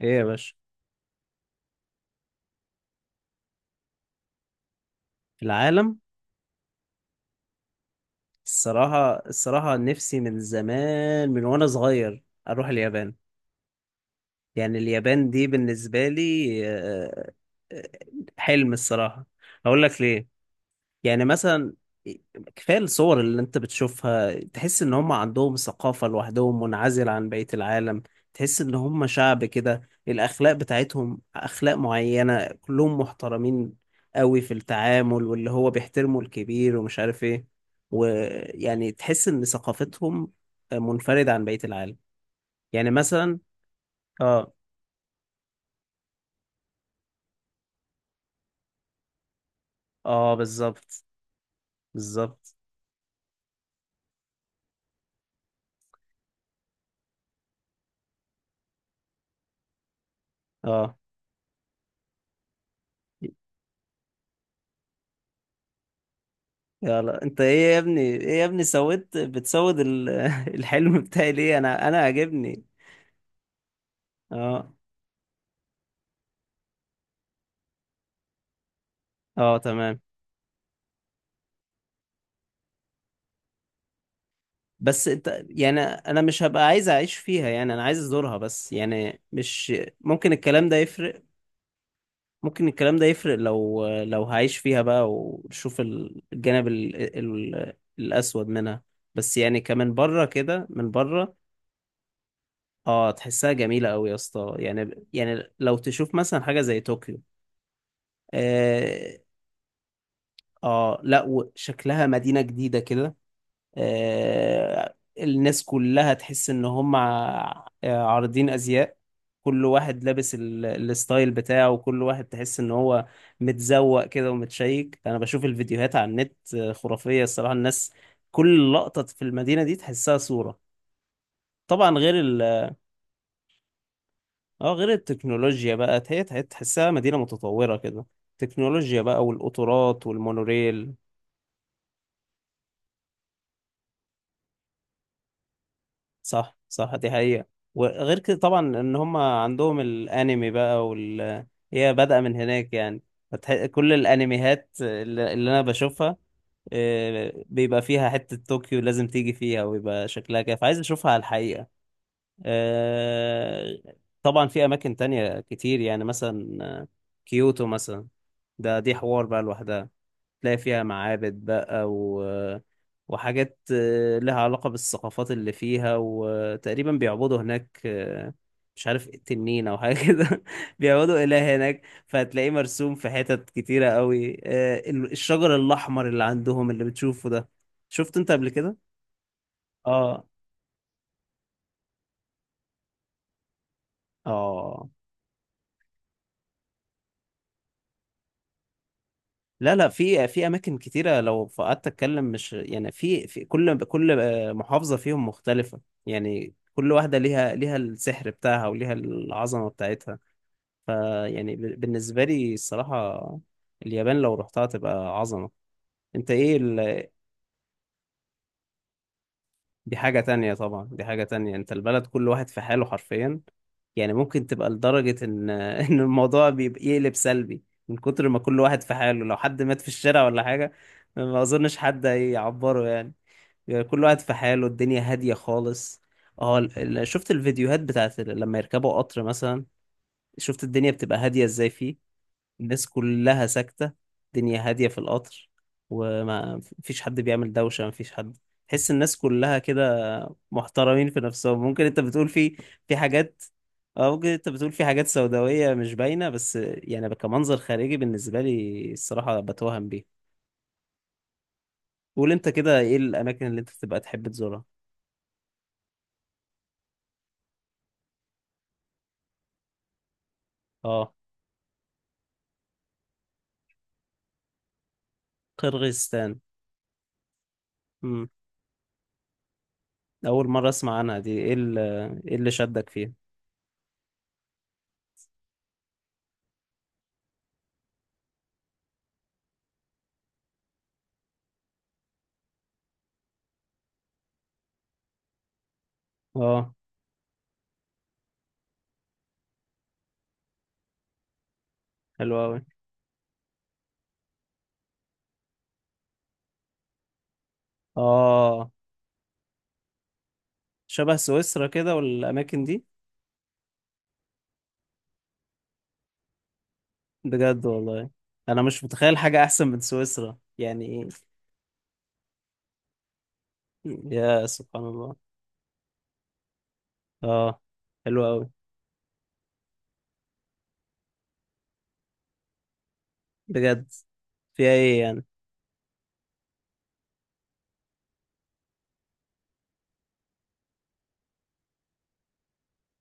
ايه يا باشا. العالم. الصراحة، نفسي من زمان، من وانا صغير اروح اليابان. يعني اليابان دي بالنسبة لي آه، حلم الصراحة. اقول لك ليه. يعني مثلا، كفاية الصور اللي انت بتشوفها تحس ان هم عندهم ثقافة لوحدهم منعزلة عن بقية العالم. تحس ان هم شعب كده الاخلاق بتاعتهم اخلاق معينة كلهم محترمين قوي في التعامل، واللي هو بيحترموا الكبير ومش عارف ايه. ويعني تحس ان ثقافتهم منفردة عن بقية العالم، يعني مثلا. اه، اه، بالظبط، بالظبط، اه. يلا، انت ايه يا ابني، ايه يا ابني سويت بتسود الحلم بتاعي ليه؟ انا عاجبني. اه، اه، تمام. بس انت يعني، انا مش هبقى عايز اعيش فيها، يعني انا عايز ازورها بس، يعني مش ممكن الكلام ده يفرق. ممكن الكلام ده يفرق لو هعيش فيها بقى وشوف الجانب الاسود منها. بس يعني كمان بره كده، من بره. اه، تحسها جميلة قوي يا اسطى. يعني لو تشوف مثلا حاجة زي طوكيو، آه، اه، لا، وشكلها مدينة جديدة كده. الناس كلها تحس ان هم عارضين ازياء. كل واحد لابس الستايل بتاعه، وكل واحد تحس ان هو متزوق كده ومتشيك. انا بشوف الفيديوهات على النت، خرافية الصراحة الناس. كل لقطة في المدينة دي تحسها صورة. طبعا غير اه، غير التكنولوجيا بقى، هي تحسها مدينة متطورة كده. تكنولوجيا بقى، والقطارات والمونوريل. صح، صح، دي حقيقة. وغير كده طبعا ان هم عندهم الانمي بقى وال... هي بادئة من هناك يعني. كل الانميهات اللي انا بشوفها، بيبقى فيها حتة طوكيو لازم تيجي فيها، ويبقى شكلها كده، فعايز اشوفها على الحقيقة. آه، طبعا في اماكن تانية كتير، يعني مثلا كيوتو مثلا. دي حوار بقى لوحدها. تلاقي فيها معابد بقى و... وحاجات لها علاقة بالثقافات اللي فيها. وتقريبا بيعبدوا هناك مش عارف تنين أو حاجة كده. بيعبدوا إله هناك، فهتلاقيه مرسوم في حتت كتيرة قوي. الشجر الأحمر اللي عندهم، اللي بتشوفه ده، شفت أنت قبل كده؟ آه. آه. لا، لا، في اماكن كتيره، لو قعدت اتكلم مش يعني، في في كل محافظه فيهم مختلفه. يعني كل واحده ليها السحر بتاعها وليها العظمه بتاعتها. فيعني بالنسبه لي الصراحه، اليابان لو رحتها تبقى عظمه. انت ايه دي حاجه تانية طبعا، دي حاجه تانية. انت البلد كل واحد في حاله حرفيا. يعني ممكن تبقى لدرجه ان ان الموضوع بيبقى يقلب سلبي من كتر ما كل واحد في حاله. لو حد مات في الشارع ولا حاجه، ما اظنش حد هيعبره يعني. يعني كل واحد في حاله، الدنيا هادية خالص. اه، شفت الفيديوهات بتاعت لما يركبوا قطر مثلا؟ شفت الدنيا بتبقى هادية ازاي؟ فيه الناس كلها ساكتة، الدنيا هادية في القطر، وما فيش حد بيعمل دوشة، ما فيش حد. تحس الناس كلها كده محترمين في نفسهم، ممكن انت بتقول في في حاجات. اه، ممكن انت بتقول في حاجات سوداوية مش باينة، بس يعني كمنظر خارجي بالنسبة لي الصراحة بتوهم بيه. قول انت كده، ايه الاماكن اللي انت بتبقى تحب تزورها؟ اه، قرغيزستان. مم. أول مرة أسمع عنها، دي إيه اللي، إيه اللي شدك فيها؟ آه، حلو أوي. آه، شبه سويسرا كده والأماكن دي. بجد والله؟ أنا مش متخيل حاجة أحسن من سويسرا، يعني إيه؟ يا سبحان الله. آه، حلو أوي. بجد؟ فيها إيه يعني؟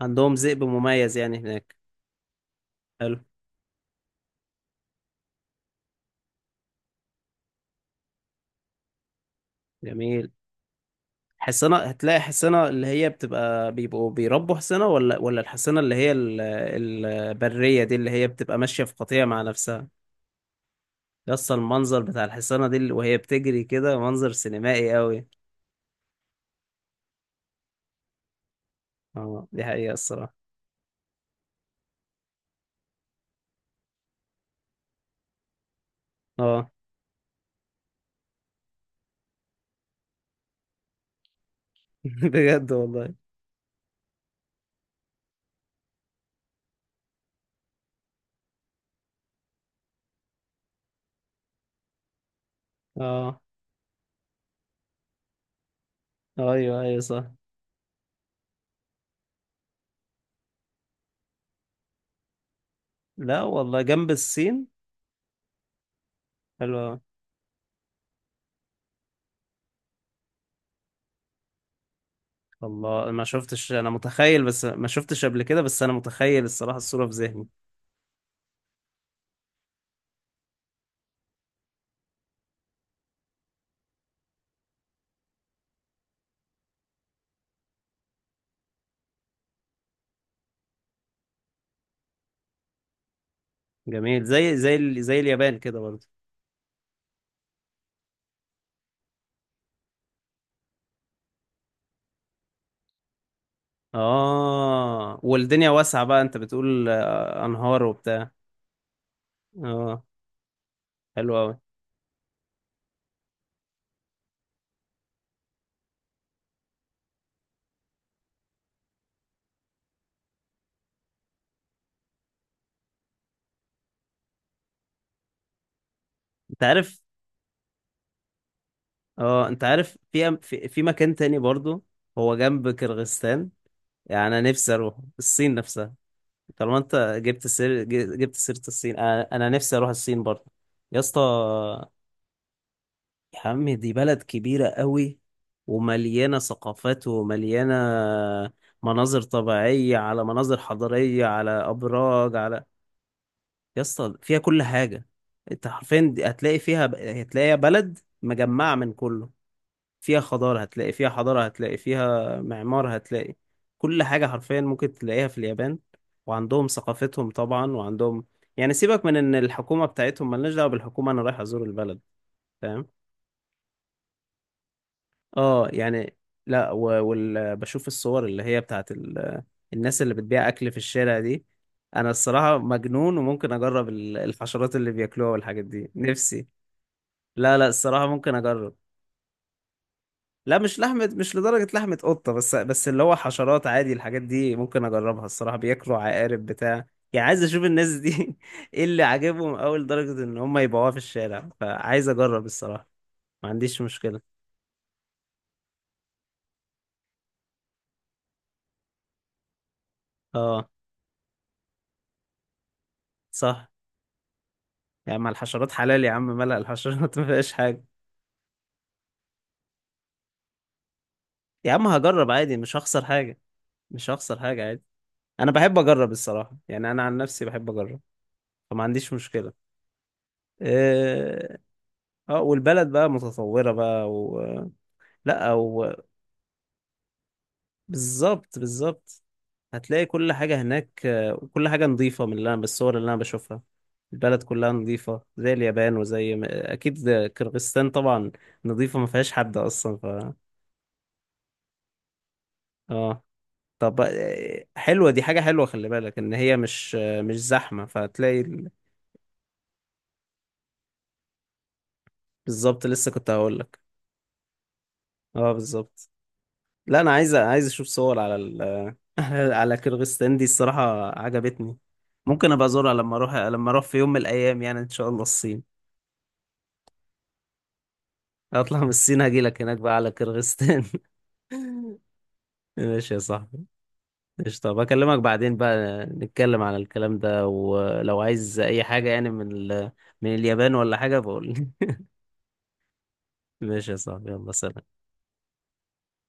عندهم ذئب مميز يعني هناك؟ حلو. جميل. حصنة، هتلاقي حصنة اللي هي بتبقى بيبقوا بيربوا حصنة، ولا الحصنة اللي هي البرية دي اللي هي بتبقى ماشية في قطيع مع نفسها؟ يس، المنظر بتاع الحصانة دي وهي بتجري كده، منظر سينمائي قوي. اه، دي حقيقة الصراحة. اه. بجد والله. اه. ايوه، ايوه، صح. لا والله، جنب الصين. حلو أوي. الله، ما شفتش، انا متخيل بس، ما شفتش قبل كده، بس انا متخيل الصراحة الصورة في ذهني. جميل، زي زي اليابان كده برضه. اه، والدنيا واسعة بقى، انت بتقول انهار وبتاع. اه، حلو قوي. انت عارف. اه، انت عارف في في مكان تاني برضو، هو جنب كرغستان. يعني انا نفسي اروح الصين نفسها. طالما انت جبت سيرة الصين، انا نفسي اروح الصين برضو. يا اسطى، يا عم دي بلد كبيرة قوي، ومليانة ثقافات، ومليانة مناظر طبيعية، على مناظر حضارية، على أبراج، على... يا اسطى فيها كل حاجة. انت حرفيا هتلاقي فيها، هتلاقي بلد مجمعة من كله. فيها خضار، هتلاقي فيها حضارة، هتلاقي فيها معمار، هتلاقي كل حاجة حرفيا ممكن تلاقيها في اليابان. وعندهم ثقافتهم طبعا، وعندهم، يعني، سيبك من ان الحكومة بتاعتهم، ملناش دعوة بالحكومة، انا رايح ازور البلد. فاهم؟ اه، يعني، لا و... بشوف الصور اللي هي بتاعت الناس اللي بتبيع اكل في الشارع دي. انا الصراحة مجنون، وممكن اجرب الحشرات اللي بياكلوها والحاجات دي نفسي. لا، لا، الصراحة ممكن اجرب. لا، مش لحمة، مش لدرجة لحمة قطة، بس اللي هو حشرات عادي، الحاجات دي ممكن أجربها الصراحة. بياكلوا عقارب بتاع. يعني عايز أشوف الناس دي إيه اللي عاجبهم أوي لدرجة إن هم يبيعوها في الشارع، فعايز أجرب الصراحة. ما عنديش مشكلة. أه، صح. يا عم الحشرات حلال يا عم، ملأ الحشرات ما فيهاش حاجة. يا عم هجرب عادي، مش هخسر حاجة. مش هخسر حاجة عادي. أنا بحب أجرب الصراحة، يعني أنا عن نفسي بحب أجرب، فما عنديش مشكلة. اه. والبلد بقى متطورة بقى و... لا. بالظبط، بالظبط. هتلاقي كل حاجة هناك، وكل حاجة نظيفة، من اللي أنا بالصور اللي أنا بشوفها البلد كلها نظيفة زي اليابان، وزي أكيد ده كرغستان طبعا، نظيفة ما فيهاش حد أصلا، ف... آه. طب، حلوة، دي حاجة حلوة، خلي بالك إن هي مش مش زحمة، فهتلاقي بالظبط، لسه كنت هقول لك. آه، بالظبط. لا، أنا عايز أشوف صور على على كرغستان دي الصراحة. عجبتني. ممكن أبقى أزورها لما أروح في يوم من الأيام، يعني إن شاء الله الصين. اطلع من الصين هاجي لك هناك بقى على كرغستان. ماشي يا صاحبي. ايش، طب اكلمك بعدين بقى نتكلم على الكلام ده، ولو عايز اي حاجة يعني من من اليابان ولا حاجة بقول لي. ماشي يا صاحبي، يلا سلام.